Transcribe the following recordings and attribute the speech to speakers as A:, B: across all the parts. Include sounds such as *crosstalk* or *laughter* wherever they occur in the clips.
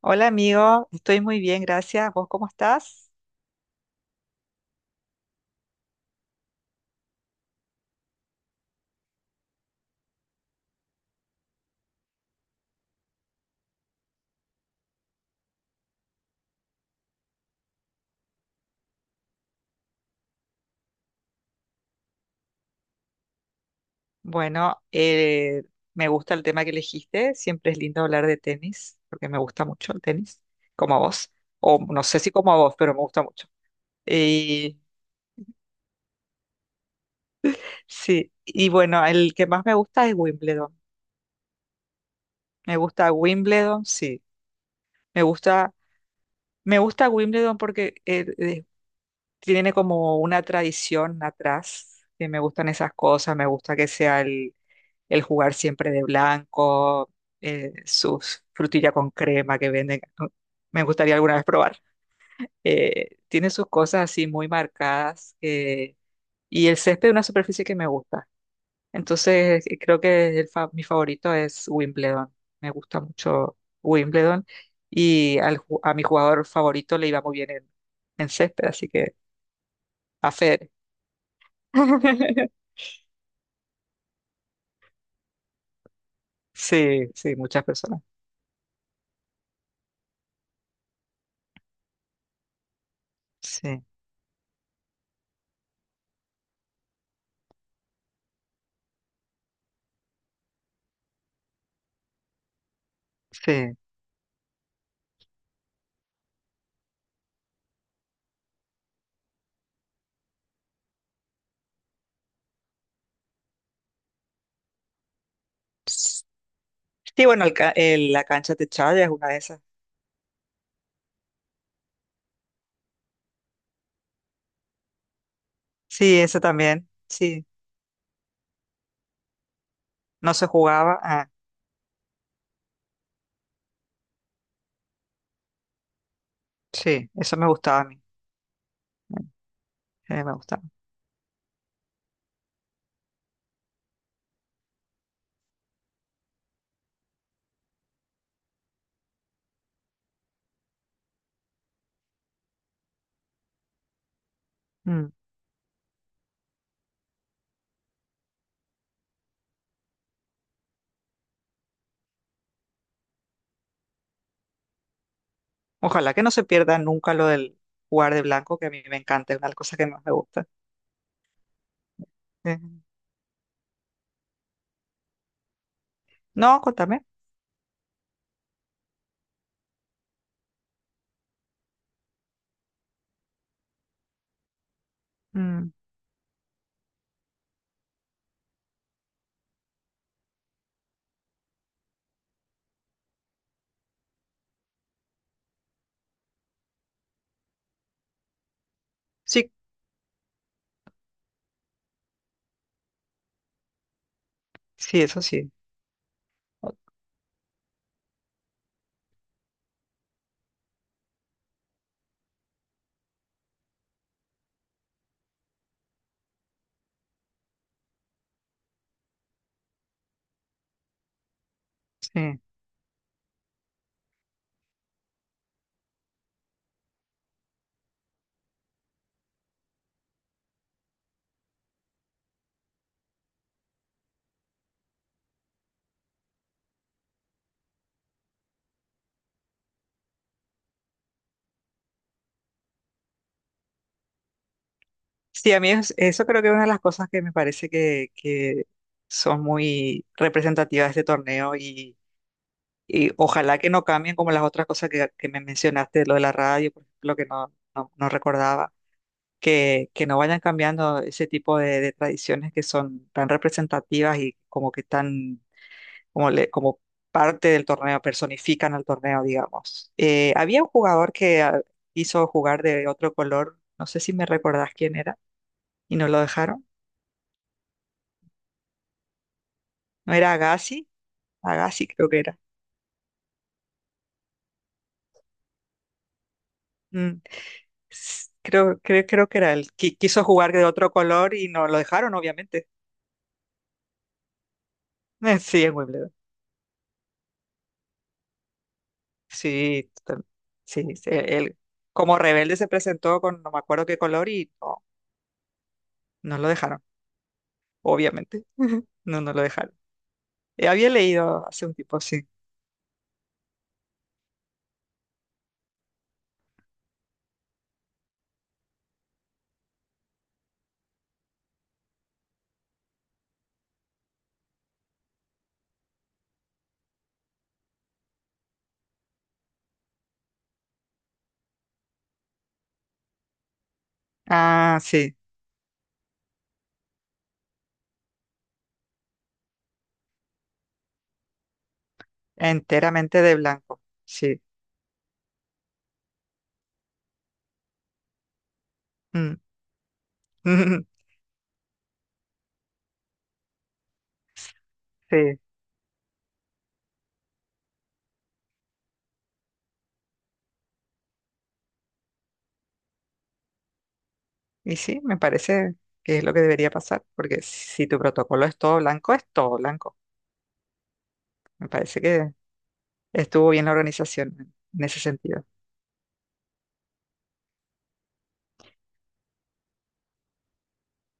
A: Hola amigo, estoy muy bien, gracias. ¿Vos cómo estás? Bueno, eh, Me gusta el tema que elegiste. Siempre es lindo hablar de tenis, porque me gusta mucho el tenis, como a vos. O no sé si como a vos, pero me gusta mucho. Y sí, y bueno, el que más me gusta es Wimbledon. Me gusta Wimbledon, sí. Me gusta, Me gusta Wimbledon porque tiene como una tradición atrás, que me gustan esas cosas. Me gusta que sea el jugar siempre de blanco, sus frutillas con crema que venden, ¿no? Me gustaría alguna vez probar. Tiene sus cosas así muy marcadas, y el césped es una superficie que me gusta. Entonces, creo que mi favorito es Wimbledon. Me gusta mucho Wimbledon, y a mi jugador favorito le iba muy bien en césped, así que a Federer. *laughs* Sí, sí, muchas personas. Sí, sí. Sí, bueno, la cancha techada es una de esas. Sí, esa también. Sí, no se jugaba. Ah, sí, eso me gustaba a mí. Me gustaba. Mm. Ojalá que no se pierda nunca lo del jugar de blanco, que a mí me encanta, es una de las cosas que más me gusta. Eh, No, contame. Mm. Sí, sí, eso sí. O- Sí, sí, a mí eso creo que es una de las cosas que me parece que son muy representativas de este torneo. Y ojalá que no cambien como las otras cosas que me mencionaste, lo de la radio, por ejemplo, que no, no, no recordaba, que no vayan cambiando ese tipo de tradiciones que son tan representativas y como que tan, como parte del torneo, personifican al torneo, digamos. Había un jugador que quiso jugar de otro color, no sé si me recordás quién era, y no lo dejaron. ¿No era Agassi? Agassi creo que era. Mm. Creo que era él. Quiso jugar de otro color y no lo dejaron, obviamente. *laughs* Sí, en Wimbledon. Sí, total- sí, sí, sí, él como rebelde se presentó con no me acuerdo qué color y no, no lo dejaron, obviamente. *laughs* No, no lo dejaron. Había leído hace un tiempo, sí. Ah, sí, enteramente de blanco. Sí. Mm. *laughs* Sí, y sí, me parece que es lo que debería pasar, porque si tu protocolo es todo blanco, es todo blanco. Me parece que estuvo bien la organización en ese sentido.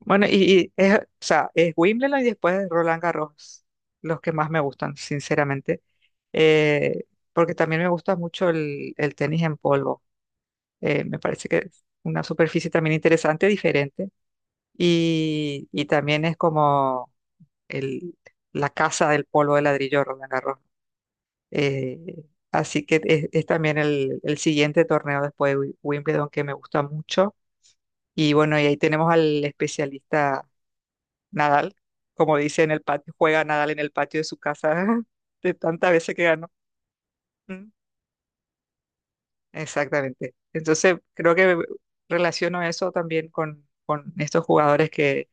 A: Bueno, y es, o sea, es Wimbledon y después Roland Garros, los que más me gustan, sinceramente. Eh, Porque también me gusta mucho el tenis en polvo. Me parece que es una superficie también interesante, diferente. Y también es como el, la casa del polvo de ladrillo Roland Garros. Eh, Así que es también el siguiente torneo después de Wimbledon que me gusta mucho. Y bueno, y ahí tenemos al especialista Nadal. Como dice en el patio, juega Nadal en el patio de su casa *laughs* de tantas veces que ganó. Mm, Exactamente. Entonces, creo que relaciono eso también con estos jugadores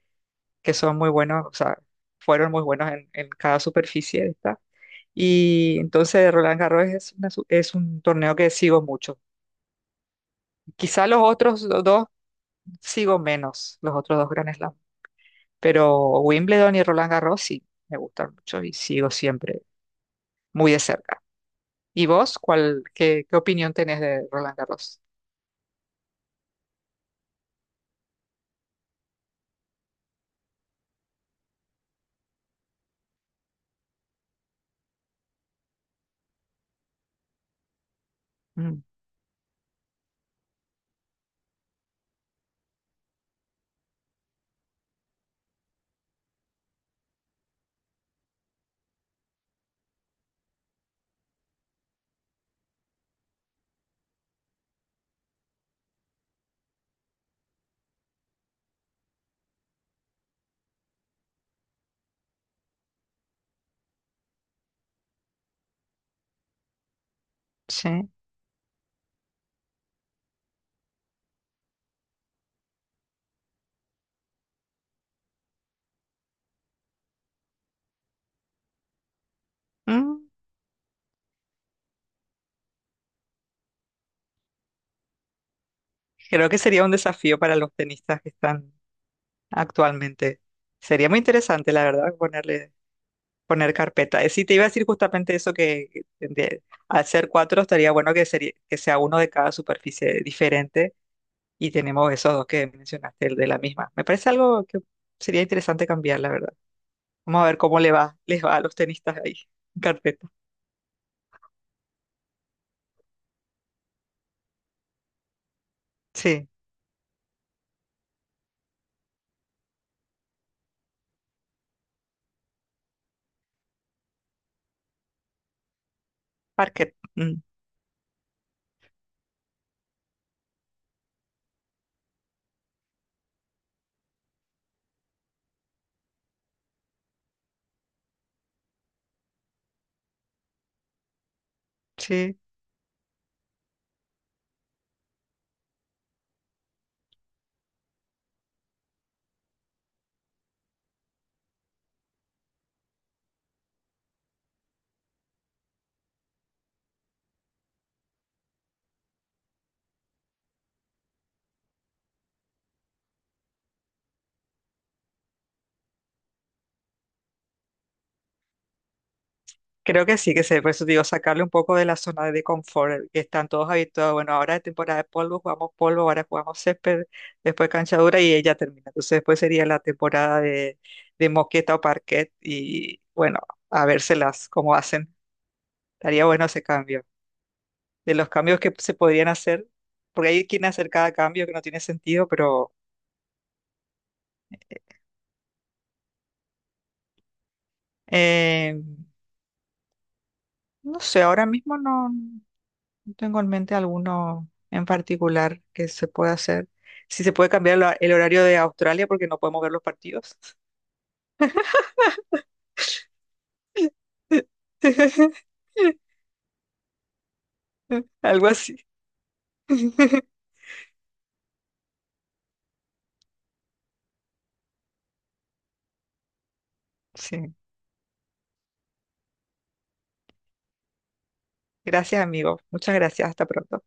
A: que son muy buenos, o sea, fueron muy buenos en cada superficie esta. Y entonces Roland Garros una es un torneo que sigo mucho. Quizá los otros dos sigo menos, los otros dos Grand Slam. Pero Wimbledon y Roland Garros sí, me gustan mucho y sigo siempre muy de cerca. ¿Y vos, cuál, qué, qué opinión tenés de Roland Garros? Mm, sí. Mm, creo que sería un desafío para los tenistas que están actualmente. Sería muy interesante, la verdad, ponerle, poner carpeta. Sí, te iba a decir justamente eso que al ser cuatro estaría bueno sería, que sea uno de cada superficie diferente y tenemos esos dos que mencionaste, el de la misma. Me parece algo que sería interesante cambiar, la verdad. Vamos a ver cómo le va, les va a los tenistas ahí. En carpeta. Sí, parquet. Mm, sí, creo que sí, que se, por eso digo, sacarle un poco de la zona de confort, que están todos habituados. Bueno, ahora es temporada de polvo, jugamos polvo, ahora jugamos césped, después cancha dura y ella termina. Entonces después sería la temporada de moqueta o parquet y bueno, a vérselas cómo hacen. Estaría bueno ese cambio. De los cambios que se podrían hacer, porque hay quien hacer cada cambio que no tiene sentido, pero... em, No sé, ahora mismo no, no tengo en mente alguno en particular que se pueda hacer. Si se puede cambiar el, el horario de Australia porque no podemos ver los partidos. *laughs* Algo así. *laughs* Sí. Gracias, amigo. Muchas gracias. Hasta pronto.